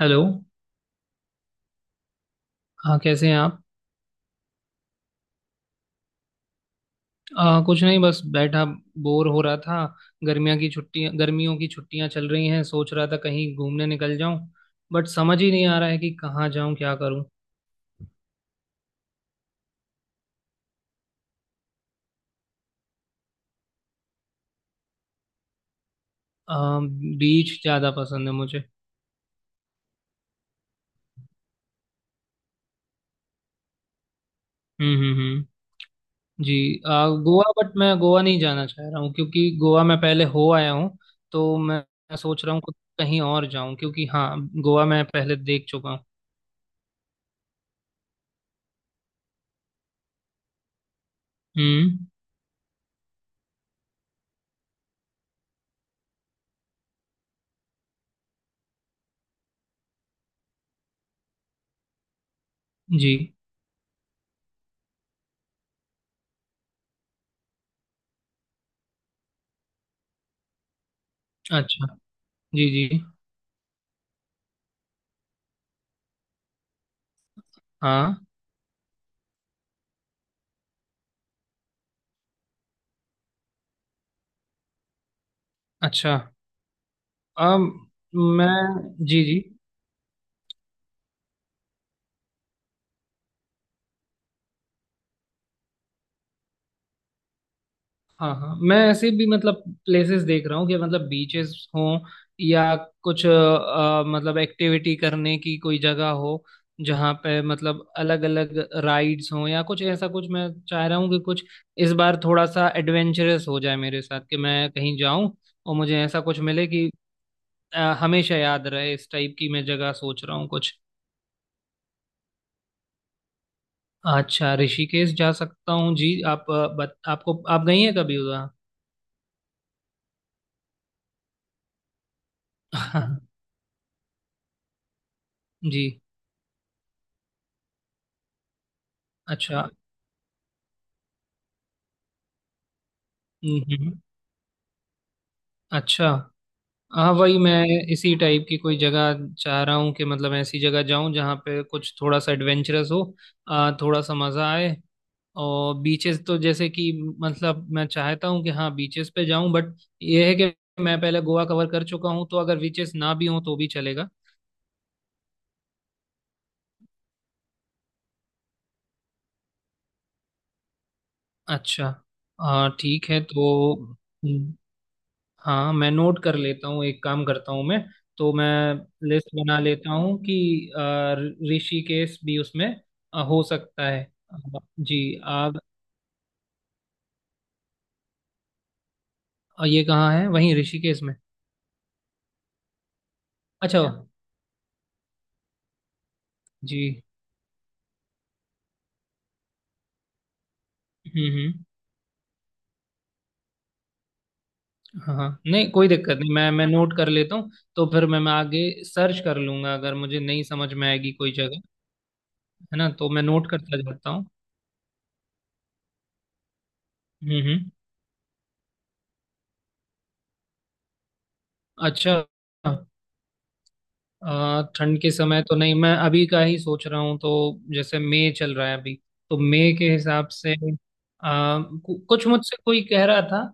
Hello. हाँ, कैसे हैं आप? कुछ नहीं, बस बैठा बोर हो रहा था। गर्मियों की छुट्टियां चल रही हैं, सोच रहा था कहीं घूमने निकल जाऊं। बट समझ ही नहीं आ रहा है कि कहाँ जाऊं, क्या करूं। आ, बीच ज़्यादा पसंद है मुझे। हम्म, हम्म, हम्म। जी। गोवा। बट मैं गोवा नहीं जाना चाह रहा हूँ क्योंकि गोवा मैं पहले हो आया हूँ। तो मैं सोच रहा हूँ कुछ कहीं और जाऊं, क्योंकि हाँ, गोवा मैं पहले देख चुका हूँ। हम्म। जी। अच्छा। जी, जी। हाँ। अच्छा। अम, मैं, जी, जी। हाँ, हाँ, मैं ऐसे भी मतलब प्लेसेस देख रहा हूँ कि मतलब बीचेस हों, या कुछ मतलब एक्टिविटी करने की कोई जगह हो, जहाँ पे मतलब अलग अलग राइड्स हों या कुछ। ऐसा कुछ मैं चाह रहा हूँ कि कुछ इस बार थोड़ा सा एडवेंचरस हो जाए मेरे साथ, कि मैं कहीं जाऊं और मुझे ऐसा कुछ मिले कि हमेशा याद रहे। इस टाइप की मैं जगह सोच रहा हूँ कुछ। अच्छा, ऋषिकेश जा सकता हूँ। जी, आप आपको, आप गई हैं कभी उधर? हाँ। जी। अच्छा। हम्म, हम्म। अच्छा। हाँ, वही मैं इसी टाइप की कोई जगह चाह रहा हूँ, कि मतलब ऐसी जगह जाऊँ जहाँ पे कुछ थोड़ा सा एडवेंचरस हो, थोड़ा सा मज़ा आए। और बीचेस तो जैसे कि, मतलब मैं चाहता हूँ कि हाँ बीचेस पे जाऊँ, बट ये है कि मैं पहले गोवा कवर कर चुका हूँ, तो अगर बीचेस ना भी हों तो भी चलेगा। अच्छा। हाँ ठीक है, तो हम्म। हाँ, मैं नोट कर लेता हूँ, एक काम करता हूँ मैं। तो मैं लिस्ट बना लेता हूँ कि अ, ऋषिकेश भी उसमें हो सकता है। अ, जी, आप ये कहाँ है, वहीं ऋषिकेश में? अच्छा। जी। हम्म, हम्म। हाँ, हाँ, नहीं कोई दिक्कत नहीं, मैं नोट कर लेता हूँ। तो फिर मैं आगे सर्च कर लूँगा अगर मुझे नहीं समझ में आएगी कोई जगह, है ना। तो मैं नोट करता जाता हूँ। हम्म, हम्म। अच्छा। ठंड के समय तो नहीं, मैं अभी का ही सोच रहा हूँ, तो जैसे मई चल रहा है अभी, तो मई के हिसाब से आ, कुछ मुझसे कोई कह रहा था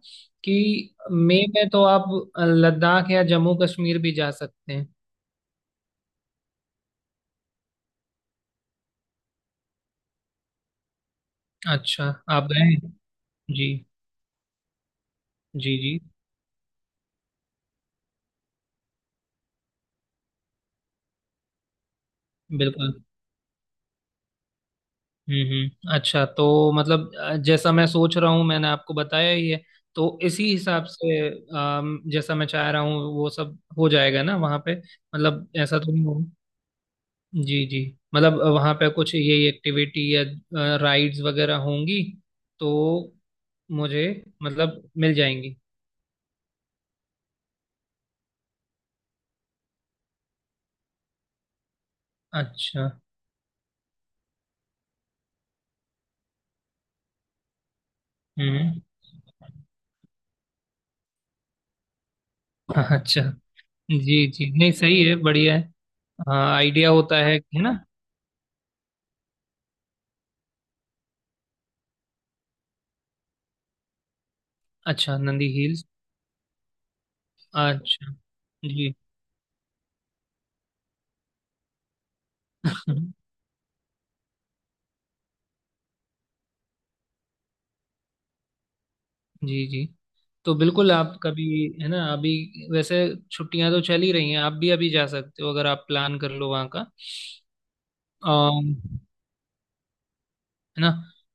कि मई में तो आप लद्दाख या जम्मू कश्मीर भी जा सकते हैं। अच्छा, आप गए हैं? जी, जी, जी। बिल्कुल। हम्म, हम्म। अच्छा, तो मतलब जैसा मैं सोच रहा हूँ मैंने आपको बताया ही है, तो इसी हिसाब से जैसा मैं चाह रहा हूँ वो सब हो जाएगा ना वहाँ पे, मतलब ऐसा तो नहीं हो। जी, जी। मतलब वहाँ पे कुछ यही एक्टिविटी या राइड्स वगैरह होंगी, तो मुझे मतलब मिल जाएंगी। अच्छा। हम्म। अच्छा। जी, जी, नहीं सही है, बढ़िया है। हाँ, आइडिया होता है ना। अच्छा, नंदी हिल्स। अच्छा। जी, जी, जी। तो बिल्कुल, आप कभी, है ना, अभी वैसे छुट्टियां तो चल ही रही हैं, आप भी अभी जा सकते हो अगर आप प्लान कर लो वहाँ का, है ना।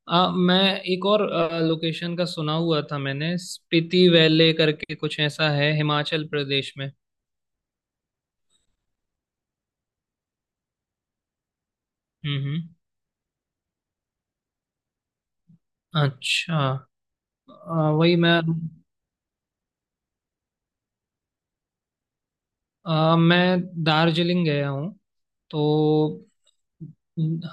मैं एक और लोकेशन का सुना हुआ था, मैंने स्पीति वैले करके कुछ ऐसा है हिमाचल प्रदेश में। हम्म, हम्म। अच्छा। आ, वही मैं आ, मैं दार्जिलिंग गया हूँ तो।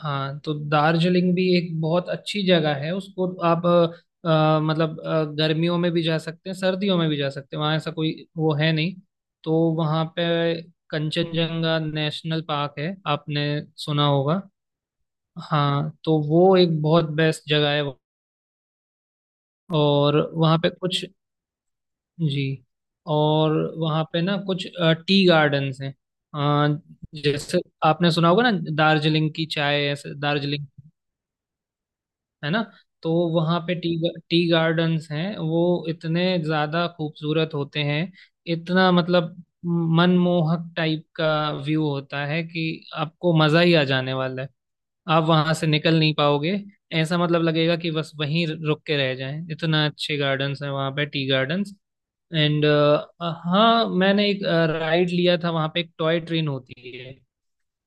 हाँ, तो दार्जिलिंग भी एक बहुत अच्छी जगह है, उसको आप मतलब गर्मियों में भी जा सकते हैं, सर्दियों में भी जा सकते हैं। वहाँ ऐसा कोई वो है नहीं। तो वहाँ पे कंचनजंगा नेशनल पार्क है, आपने सुना होगा। हाँ, तो वो एक बहुत बेस्ट जगह है। और वहाँ पे कुछ, जी, और वहाँ पे ना कुछ टी गार्डन्स हैं। अ, जैसे आपने सुना होगा ना, दार्जिलिंग की चाय, ऐसे दार्जिलिंग, है ना। तो वहाँ पे टी टी गार्डन्स हैं। वो इतने ज्यादा खूबसूरत होते हैं, इतना मतलब मनमोहक टाइप का व्यू होता है कि आपको मजा ही आ जाने वाला है, आप वहां से निकल नहीं पाओगे। ऐसा मतलब लगेगा कि बस वहीं रुक के रह जाएं, इतना अच्छे गार्डन्स हैं वहाँ पे टी गार्डन्स। एंड हाँ, मैंने एक राइड लिया था वहाँ पे, एक टॉय ट्रेन होती है।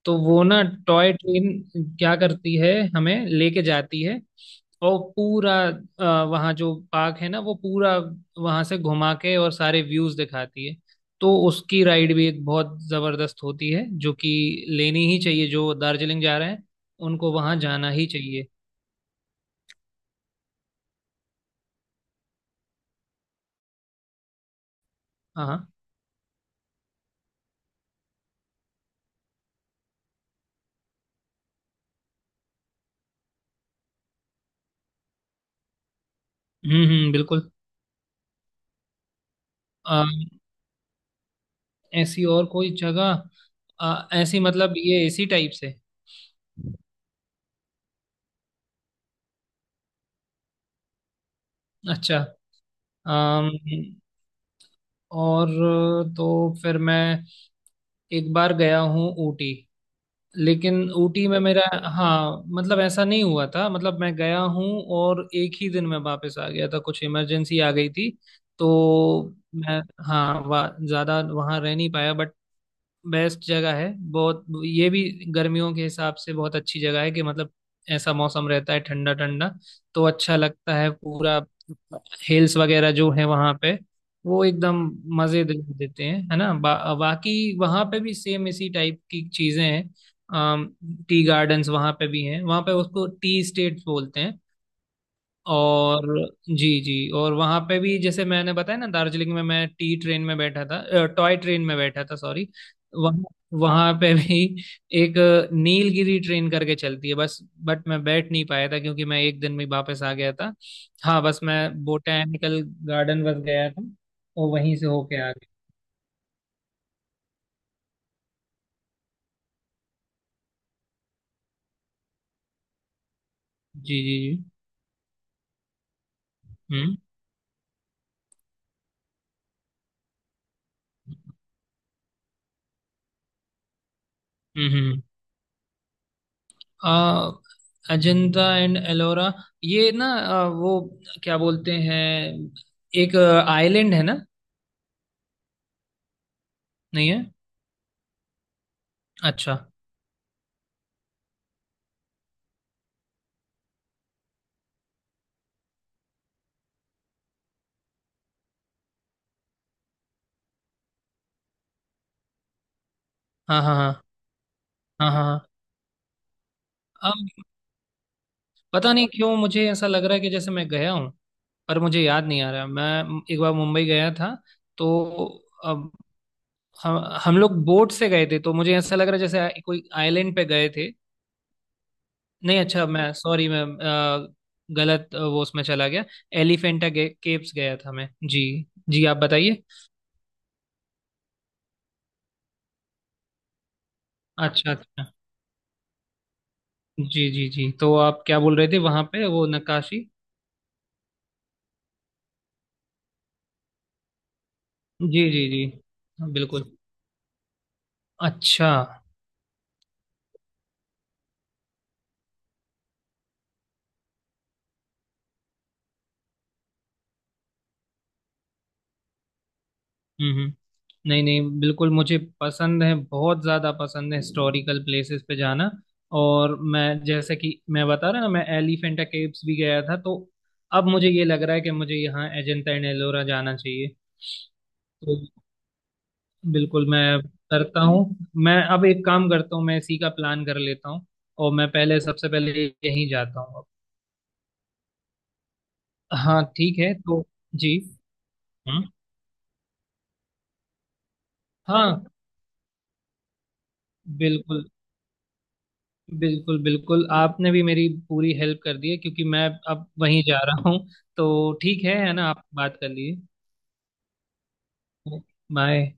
तो वो ना टॉय ट्रेन क्या करती है, हमें लेके जाती है, और पूरा वहाँ जो पार्क है ना, वो पूरा वहाँ से घुमा के और सारे व्यूज दिखाती है। तो उसकी राइड भी एक बहुत जबरदस्त होती है, जो कि लेनी ही चाहिए। जो दार्जिलिंग जा रहे हैं, उनको वहाँ जाना ही चाहिए। हाँ, हाँ। हम्म, हम्म, बिल्कुल। आ, ऐसी और कोई जगह ऐसी, मतलब ये इसी टाइप से। अच्छा। अम, और तो फिर मैं एक बार गया हूँ ऊटी, लेकिन ऊटी में मेरा, हाँ, मतलब ऐसा नहीं हुआ था। मतलब मैं गया हूँ और एक ही दिन में वापस आ गया था, कुछ इमरजेंसी आ गई थी। तो मैं, हाँ, ज्यादा वहाँ रह नहीं पाया, बट बेस्ट जगह है बहुत ये भी। गर्मियों के हिसाब से बहुत अच्छी जगह है, कि मतलब ऐसा मौसम रहता है, ठंडा ठंडा, तो अच्छा लगता है, पूरा। हिल्स वगैरह जो है वहाँ पे, वो एकदम मजे दे देते हैं, है ना। बाकी वहाँ पे भी सेम इसी टाइप की चीजें हैं, टी गार्डन्स वहाँ पे भी हैं, वहाँ पे उसको टी स्टेट्स बोलते हैं। और जी, जी। और वहाँ पे भी, जैसे मैंने बताया ना, दार्जिलिंग में मैं टी ट्रेन में बैठा था, टॉय ट्रेन में बैठा था, सॉरी। वहाँ वहाँ पे भी एक नीलगिरी ट्रेन करके चलती है, बस। बट मैं बैठ नहीं पाया था क्योंकि मैं एक दिन में वापस आ गया था। हाँ, बस मैं बोटैनिकल गार्डन बस गया था, और वहीं से होके आ गया। जी, जी, जी। हम्म, हम्म, हम्म। आ, अजंता एंड एलोरा, ये ना, वो क्या बोलते हैं, एक आइलैंड है ना? नहीं है? अच्छा। हाँ, हाँ, हाँ। हाँ, हाँ, हाँ। अब पता नहीं क्यों मुझे ऐसा लग रहा है कि जैसे मैं गया हूँ, पर मुझे याद नहीं आ रहा। मैं एक बार मुंबई गया था तो, अब हम हम लोग बोट से गए थे, तो मुझे ऐसा लग रहा है जैसे कोई आइलैंड पे गए थे। नहीं, अच्छा, मैं सॉरी, मैं गलत वो उसमें चला गया। एलिफेंटा केव्स गया था मैं, जी। जी, आप बताइए। अच्छा, अच्छा। जी, जी, जी। तो आप क्या बोल रहे थे, वहां पे वो नक्काशी। जी, जी, जी। हाँ, बिल्कुल। अच्छा। हम्म, नहीं, नहीं, बिल्कुल, मुझे पसंद है, बहुत ज़्यादा पसंद है हिस्टोरिकल प्लेसेस पे जाना। और मैं जैसे कि, मैं बता रहा ना, मैं एलिफेंटा केव्स भी गया था, तो अब मुझे ये लग रहा है कि मुझे यहाँ अजंता एंड एलोरा जाना चाहिए। तो बिल्कुल, मैं करता हूँ। मैं अब एक काम करता हूँ, मैं इसी का प्लान कर लेता हूँ, और मैं पहले, सबसे पहले यहीं जाता हूँ अब। हाँ ठीक है, तो जी। हम्म। हाँ, बिल्कुल, बिल्कुल, बिल्कुल। आपने भी मेरी पूरी हेल्प कर दी है क्योंकि मैं अब वहीं जा रहा हूँ। तो ठीक है ना, आप बात कर लिए। बाय।